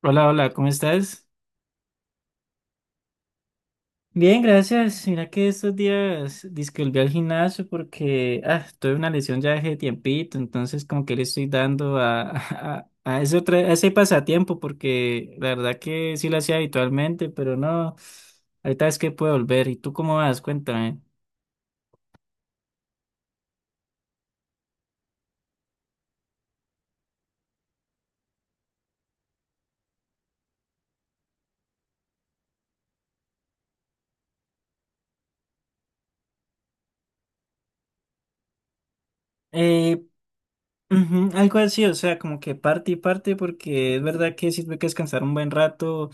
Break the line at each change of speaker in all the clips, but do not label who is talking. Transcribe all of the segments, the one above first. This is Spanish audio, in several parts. Hola, hola, ¿cómo estás? Bien, gracias. Mira que estos días dizque volví al gimnasio porque tuve una lesión ya hace tiempito, entonces como que le estoy dando a, a ese a ese pasatiempo porque la verdad que sí lo hacía habitualmente, pero no, ahorita es que puedo volver. ¿Y tú cómo vas? Cuéntame. Eh, ujú, algo así, o sea, como que parte y parte porque es verdad que sirve que descansar un buen rato.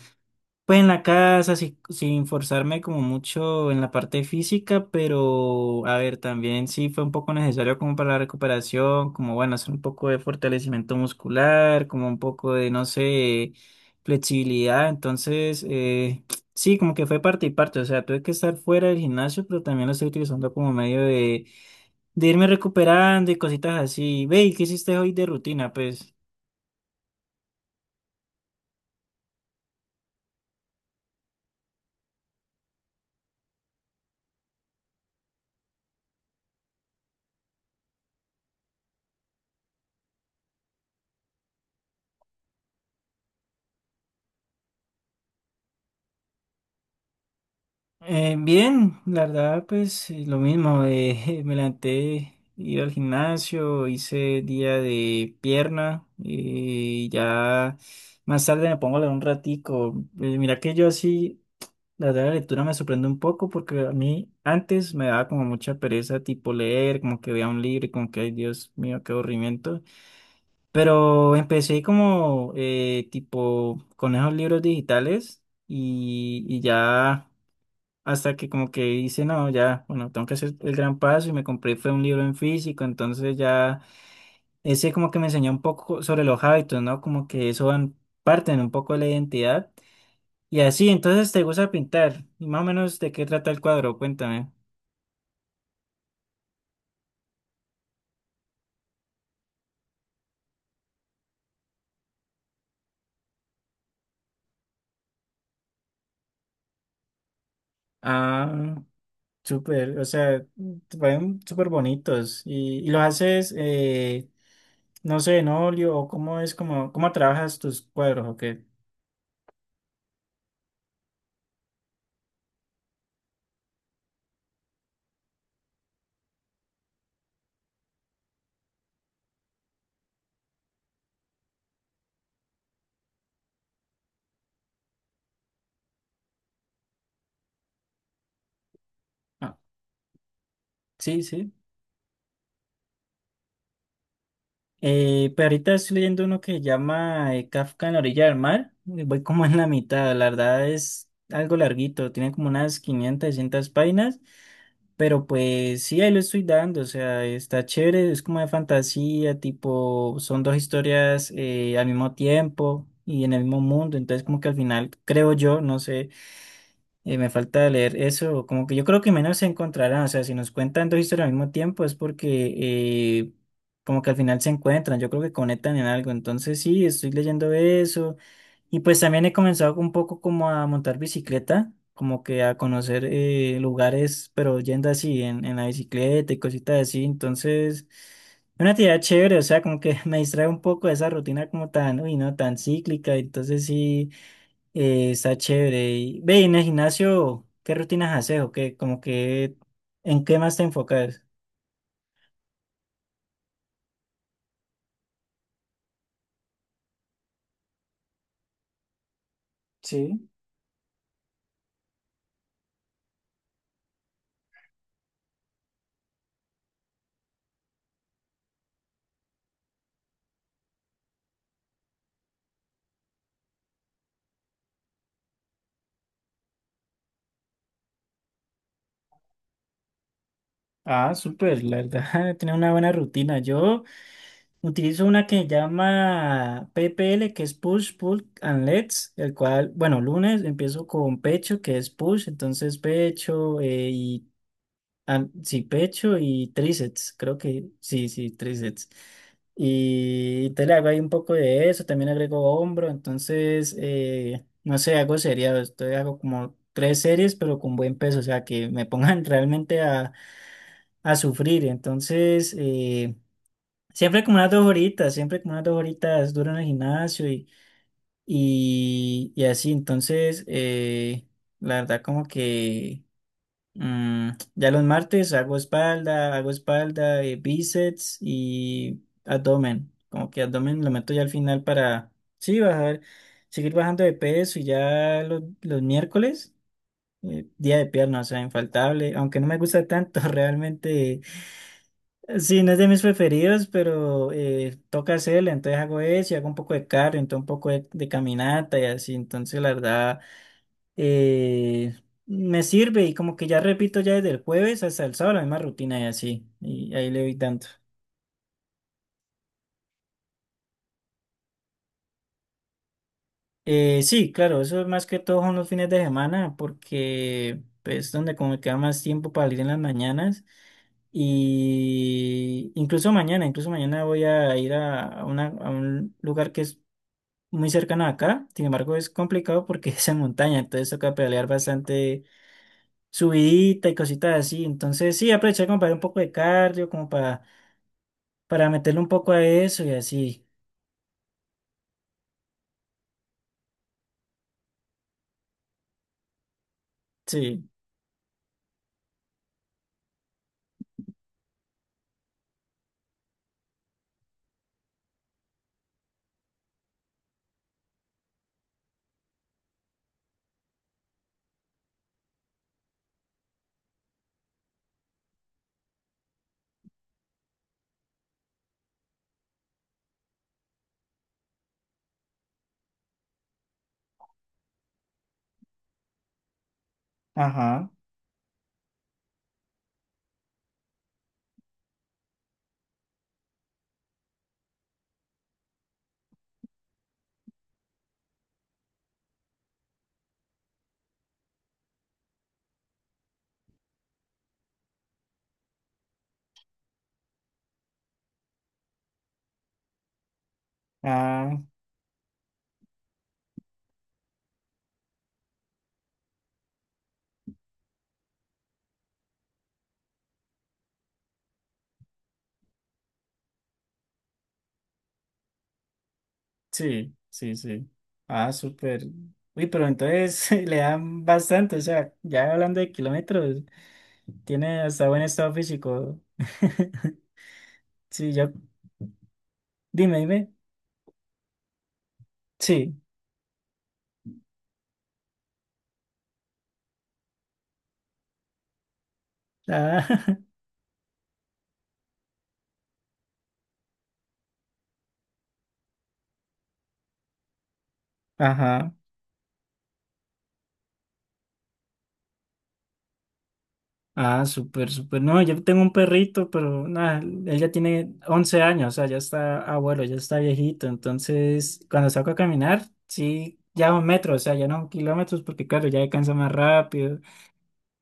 Pues en la casa, sin forzarme como mucho en la parte física, pero a ver, también sí fue un poco necesario como para la recuperación, como bueno, hacer un poco de fortalecimiento muscular, como un poco de, no sé, flexibilidad. Entonces, sí, como que fue parte y parte. O sea, tuve que estar fuera del gimnasio, pero también lo estoy utilizando como medio de irme recuperando y cositas así. Ve, ¿y qué hiciste hoy de rutina? Pues. Bien, la verdad, pues lo mismo, me levanté, ir al gimnasio, hice día de pierna y ya más tarde me pongo a leer un ratico. Mira que yo así, la verdad, la lectura me sorprende un poco porque a mí antes me daba como mucha pereza tipo leer, como que veía un libro y como que, ay Dios mío, qué aburrimiento. Pero empecé como tipo con esos libros digitales y ya... Hasta que como que hice, no, ya, bueno, tengo que hacer el gran paso y me compré, fue un libro en físico, entonces ya, ese como que me enseñó un poco sobre los hábitos, ¿no? Como que eso van, parten un poco de la identidad. Y así, entonces te gusta pintar. Y más o menos de qué trata el cuadro, cuéntame. Ah, súper, o sea, te parecen súper bonitos. Y lo haces, no sé, en óleo, o cómo es, como, cómo trabajas tus cuadros, o qué. Ah, sí, sí. Pero ahorita estoy leyendo uno que se llama Kafka en la orilla del mar. Voy como en la mitad, la verdad es algo larguito, tiene como unas 500, 600 páginas, pero pues sí, ahí lo estoy dando, o sea, está chévere, es como de fantasía, tipo, son dos historias al mismo tiempo y en el mismo mundo, entonces como que al final, creo yo, no sé. Me falta leer eso, como que yo creo que menos se encontrarán, o sea, si nos cuentan dos historias al mismo tiempo es porque como que al final se encuentran, yo creo que conectan en algo, entonces sí, estoy leyendo eso y pues también he comenzado un poco como a montar bicicleta, como que a conocer lugares, pero yendo así en la bicicleta y cositas así, entonces es una actividad chévere, o sea, como que me distrae un poco de esa rutina como tan, uy, no, tan cíclica, entonces sí. Está chévere. Y, ve, y en el gimnasio, ¿qué rutinas haces o qué? Como que, ¿en qué más te enfocas? Sí. Ah, súper, la verdad, tiene una buena rutina. Yo utilizo una que se llama PPL, que es Push, Pull and Legs, el cual, bueno, lunes empiezo con pecho, que es push, entonces pecho, y ah, sí, pecho y tríceps, creo que sí, sí, tríceps. Y te le hago ahí un poco de eso, también agrego hombro, entonces, no sé, hago sería, estoy hago como tres series, pero con buen peso, o sea, que me pongan realmente a sufrir. Entonces, siempre como unas dos horitas, siempre como unas dos horitas duro en el gimnasio y así, entonces, la verdad como que... Mm, ya los martes hago espalda, bíceps y abdomen. Como que abdomen lo meto ya al final para, sí, bajar, seguir bajando de peso y ya los miércoles, día de pierna, o sea, infaltable. Aunque no me gusta tanto, realmente, sí, no es de mis preferidos, pero toca hacerle, entonces hago eso y hago un poco de cardio, entonces un poco de caminata y así. Entonces, la verdad eh, me sirve y como que ya repito ya desde el jueves hasta el sábado la misma rutina y así, y ahí le doy tanto. Sí, claro, eso es más que todo son los fines de semana porque pues, es donde como me queda más tiempo para ir en las mañanas y incluso mañana voy a ir a a un lugar que es muy cercano a acá, sin embargo es complicado porque es en montaña, entonces toca pedalear bastante subidita y cositas así, entonces sí, aprovechar como para hacer un poco de cardio, como para meterle un poco a eso y así. Sí, ajá. Ah, sí, sí, sí. Ah, súper. Uy, pero entonces le dan bastante, o sea, ya hablando de kilómetros, tiene hasta buen estado físico. Sí, yo, dime, dime. Sí. Ah, ajá. Ah, súper, súper. No, yo tengo un perrito, pero nada, él ya tiene 11 años, o sea, ya está abuelo, ya está viejito. Entonces, cuando saco a caminar, sí, ya un metro, o sea, ya no kilómetros, porque claro, ya cansa más rápido.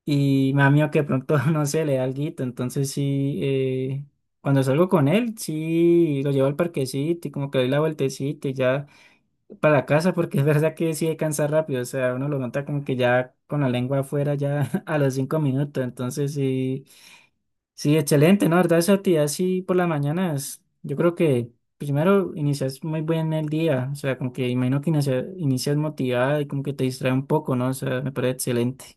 Y me da miedo que de pronto, no sé, le da alguito. Entonces, sí, cuando salgo con él, sí, lo llevo al parquecito y como que le doy la vueltecita y ya para la casa, porque es verdad que sí cansa rápido, o sea, uno lo nota como que ya con la lengua afuera, ya a los 5 minutos. Entonces, sí. Sí, excelente, ¿no? La verdad, esa actividad así por las mañanas, yo creo que primero inicias muy bien el día, o sea, como que imagino que inicias motivada y como que te distrae un poco, ¿no? O sea, me parece excelente.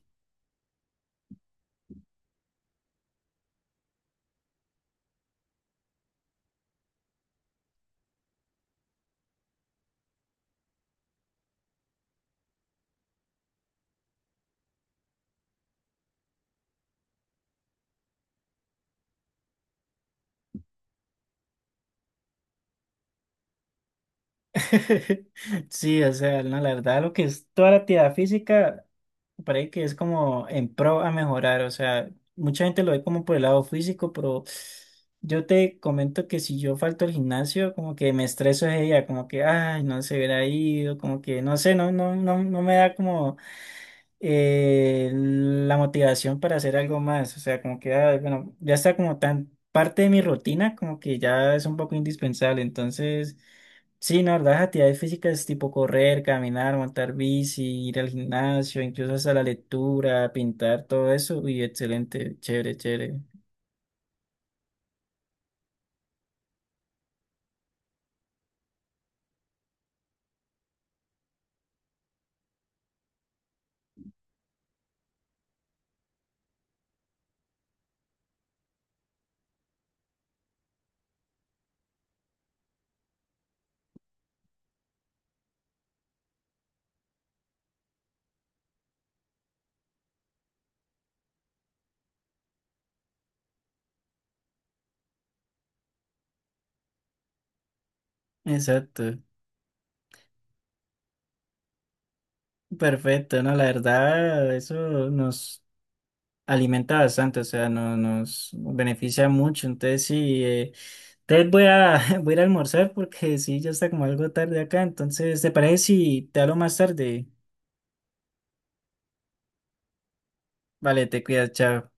Sí, o sea, no, la verdad, lo que es toda la actividad física, me parece que es como en pro a mejorar, o sea, mucha gente lo ve como por el lado físico, pero yo te comento que si yo falto al gimnasio, como que me estreso ese día, como que, ay, no se hubiera ido, como que, no sé, no, no, no, no me da como la motivación para hacer algo más. O sea, como que, ah, bueno, ya está como tan parte de mi rutina, como que ya es un poco indispensable. Entonces, sí, no, la verdad, las actividades físicas tipo correr, caminar, montar bici, ir al gimnasio, incluso hasta la lectura, pintar, todo eso. Y excelente, chévere, chévere. Exacto. Perfecto, no, la verdad, eso nos alimenta bastante, o sea, no, nos beneficia mucho. Entonces, sí, entonces voy a, voy a ir a almorzar porque sí, ya está como algo tarde acá. Entonces, ¿te parece si te hablo más tarde? Vale, te cuidas, chao.